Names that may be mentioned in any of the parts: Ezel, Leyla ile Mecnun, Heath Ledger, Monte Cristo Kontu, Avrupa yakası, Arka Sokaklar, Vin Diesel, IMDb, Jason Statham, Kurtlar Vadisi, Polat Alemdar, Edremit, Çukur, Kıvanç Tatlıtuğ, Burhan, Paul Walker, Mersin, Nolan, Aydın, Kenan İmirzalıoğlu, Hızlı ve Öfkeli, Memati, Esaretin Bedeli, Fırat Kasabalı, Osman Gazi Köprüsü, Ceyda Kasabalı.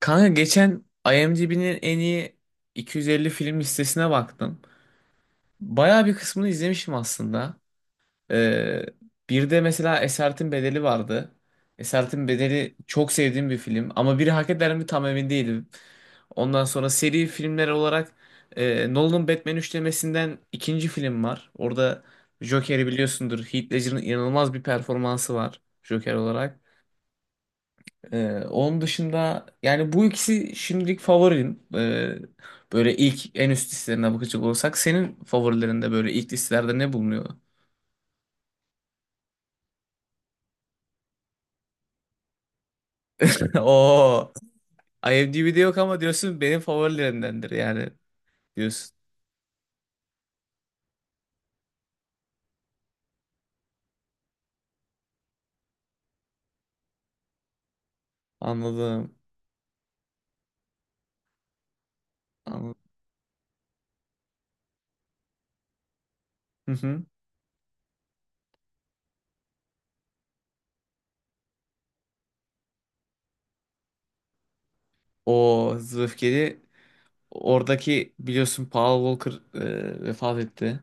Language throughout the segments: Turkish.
Kanka geçen IMDb'nin en iyi 250 film listesine baktım. Bayağı bir kısmını izlemişim aslında. Ee, Bir de mesela Esaretin Bedeli vardı. Esaretin Bedeli çok sevdiğim bir film ama biri hak eder mi tam emin değilim. Ondan sonra seri filmler olarak Nolan'ın Batman üçlemesinden ikinci film var. Orada Joker'i biliyorsundur. Heath Ledger'ın inanılmaz bir performansı var Joker olarak. Onun dışında yani bu ikisi şimdilik favorim. Böyle ilk en üst listelerine bakacak olursak senin favorilerinde böyle ilk listelerde ne bulunuyor? Oo, IMDb'de yok ama diyorsun benim favorilerimdendir yani diyorsun. Anladım. Anladım. Hı hı. O Hızlı ve Öfkeli, oradaki biliyorsun Paul Walker vefat etti.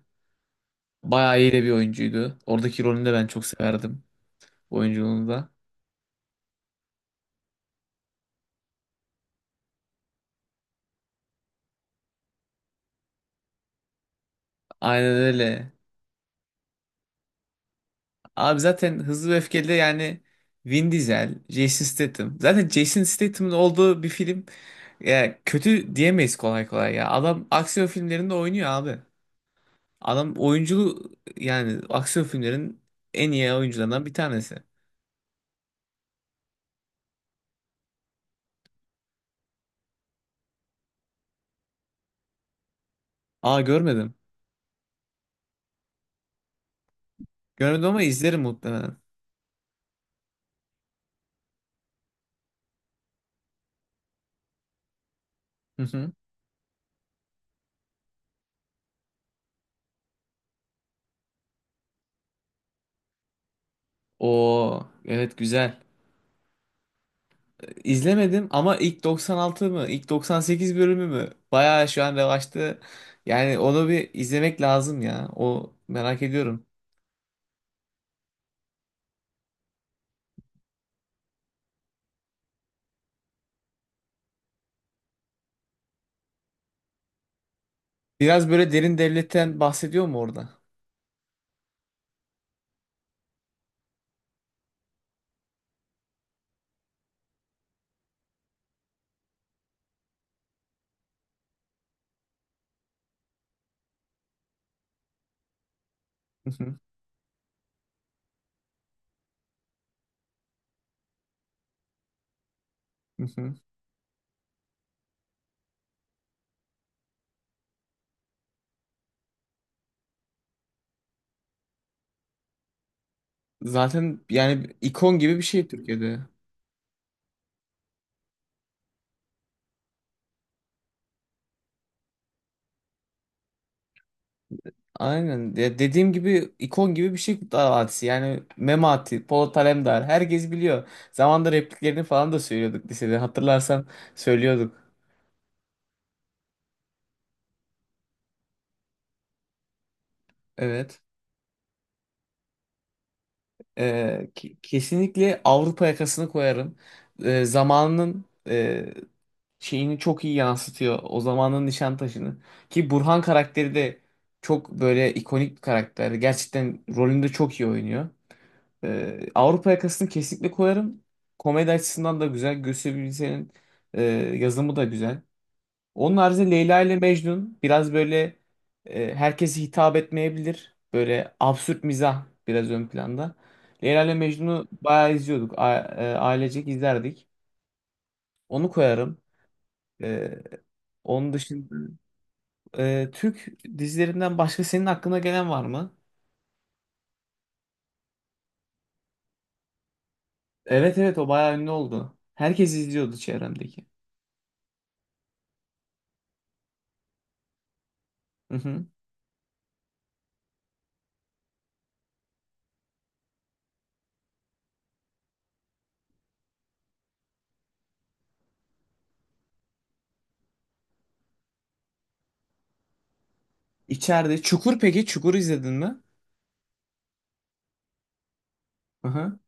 Bayağı iyi de bir oyuncuydu. Oradaki rolünü de ben çok severdim, oyunculuğunu da. Aynen öyle. Abi zaten Hızlı ve Öfkeli yani Vin Diesel, Jason Statham. Zaten Jason Statham'ın olduğu bir film ya kötü diyemeyiz kolay kolay ya. Adam aksiyon filmlerinde oynuyor abi. Adam oyunculuğu yani aksiyon filmlerin en iyi oyuncularından bir tanesi. Aa görmedim. Görmedim ama izlerim muhtemelen. Hı hı. Oo evet, güzel. İzlemedim ama ilk 96 mı? İlk 98 bölümü mü? Bayağı şu an revaçta. Yani onu bir izlemek lazım ya. O merak ediyorum. Biraz böyle derin devletten bahsediyor mu orada? Hı hı, hı hı. Zaten yani ikon gibi bir şey Türkiye'de. Aynen. Ya dediğim gibi ikon gibi bir şey Kurtlar Vadisi. Yani Memati, Polat Alemdar herkes biliyor. Zamanında repliklerini falan da söylüyorduk lisede. Hatırlarsan söylüyorduk. Evet. Kesinlikle Avrupa yakasını koyarım. Zamanının şeyini çok iyi yansıtıyor. O zamanın Nişantaşı'nı. Ki Burhan karakteri de çok böyle ikonik bir karakter. Gerçekten rolünde çok iyi oynuyor. Avrupa yakasını kesinlikle koyarım. Komedi açısından da güzel. Gösterebilirsenin e, yazımı da güzel. Onun haricinde Leyla ile Mecnun biraz böyle herkese hitap etmeyebilir. Böyle absürt mizah biraz ön planda. Leyla ile Mecnun'u bayağı izliyorduk. Ailecek izlerdik. Onu koyarım. E, Onun dışında Türk dizilerinden başka senin aklına gelen var mı? Evet evet, o bayağı ünlü oldu. Herkes izliyordu çevremdeki. Hı hı. İçeride. Çukur peki? Çukur izledin mi? Hı hı.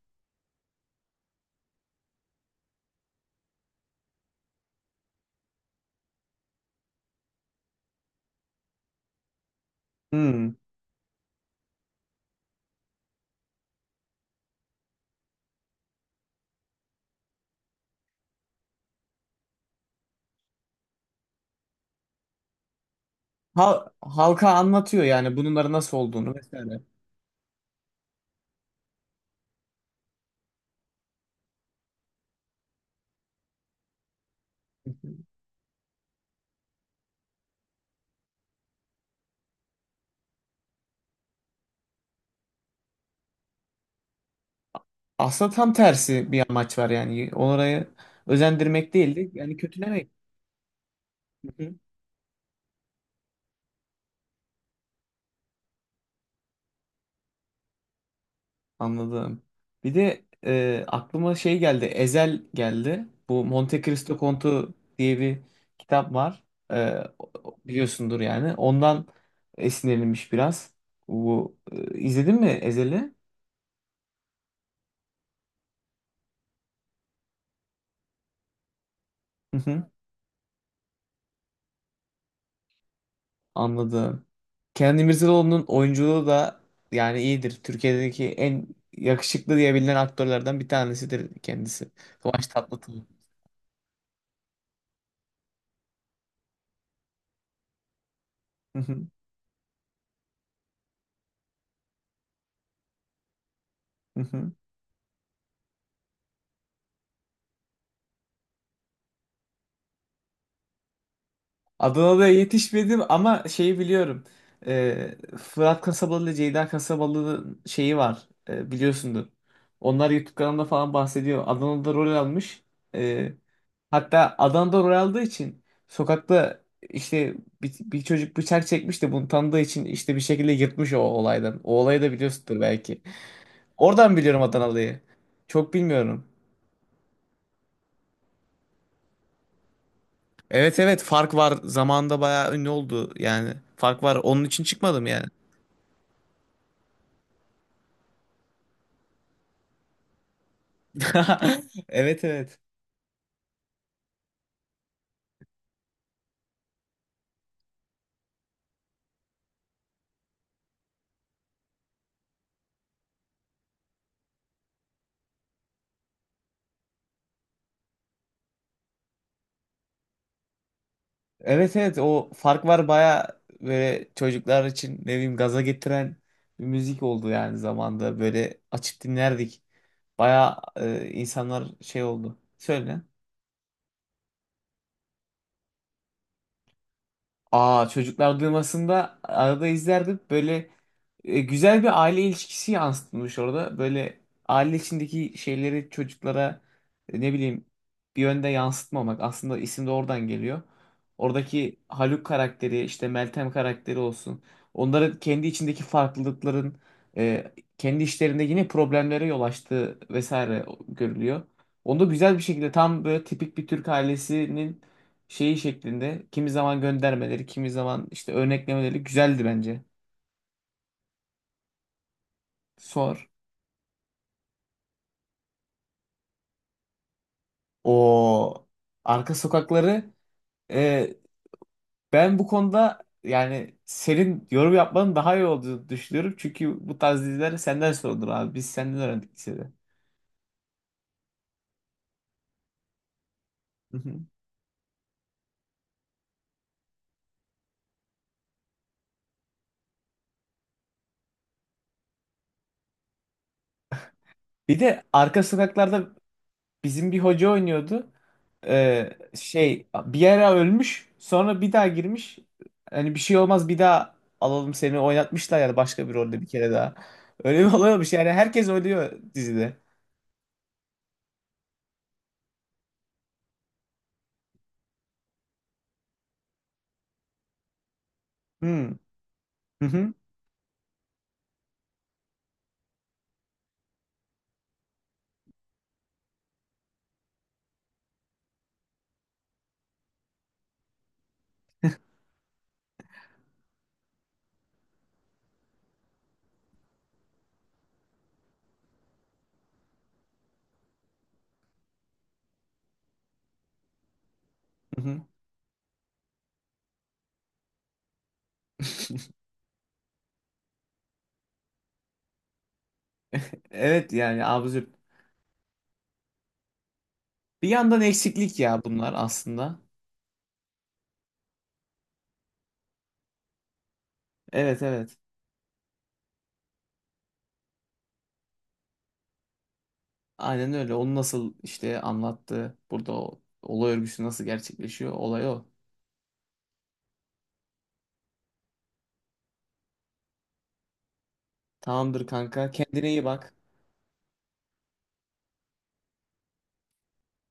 Hmm. Halka anlatıyor yani bunların nasıl olduğunu vesaire. Aslında tam tersi bir amaç var yani. Orayı özendirmek değil de yani kötülemek. Hı hı. Anladım. Bir de aklıma şey geldi. Ezel geldi. Bu Monte Cristo Kontu diye bir kitap var. Biliyorsundur yani. Ondan esinlenilmiş biraz. Bu izledin mi Ezel'i? Anladım. Kenan İmirzalıoğlu'nun oyunculuğu da yani iyidir. Türkiye'deki en yakışıklı diyebilinen aktörlerden bir tanesidir kendisi. Kıvanç Tatlıtuğ. Adana'da yetişmedim ama şeyi biliyorum. Fırat Kasabalı ile Ceyda Kasabalı'nın şeyi var. Biliyorsundur. Onlar YouTube kanalında falan bahsediyor. Adana'da rol almış. Ee, Hatta Adana'da rol aldığı için sokakta işte bir çocuk bıçak çekmiş de bunu tanıdığı için işte bir şekilde yırtmış o olaydan. O olayı da biliyorsundur belki. Oradan biliyorum Adanalı'yı. Çok bilmiyorum. Evet evet, fark var. Zamanında bayağı ünlü oldu yani. Fark var. Onun için çıkmadım yani. Evet evet. Evet evet, o fark var, baya böyle çocuklar için ne bileyim gaza getiren bir müzik oldu yani zamanda. Böyle açıp dinlerdik. Baya insanlar şey oldu. Söyle. Aa, çocuklar duymasında arada izlerdim. Böyle güzel bir aile ilişkisi yansıtılmış orada. Böyle aile içindeki şeyleri çocuklara ne bileyim bir yönde yansıtmamak. Aslında isim de oradan geliyor. Oradaki Haluk karakteri işte, Meltem karakteri olsun. Onların kendi içindeki farklılıkların e, kendi işlerinde yine problemlere yol açtığı vesaire görülüyor. Onda güzel bir şekilde tam böyle tipik bir Türk ailesinin şeyi şeklinde kimi zaman göndermeleri, kimi zaman işte örneklemeleri güzeldi bence. Sor. O arka sokakları e, ben bu konuda yani senin yorum yapmanın daha iyi olduğunu düşünüyorum. Çünkü bu tarz diziler senden sorulur abi. Biz senden öğrendik lisede. Hı hı. Bir de arka sokaklarda bizim bir hoca oynuyordu. Ee, Şey bir ara ölmüş sonra bir daha girmiş. Hani bir şey olmaz, bir daha alalım seni, oynatmışlar yani başka bir rolde bir kere daha. Öyle bir olay olmuş yani, herkes ölüyor dizide. Hmm. Hı hı. Hı hı. Evet, yani absürt. Bir yandan eksiklik ya bunlar aslında. Evet evet. Aynen öyle. Onu nasıl işte anlattı. Burada o olay örgüsü nasıl gerçekleşiyor? Olay o. Tamamdır kanka. Kendine iyi bak.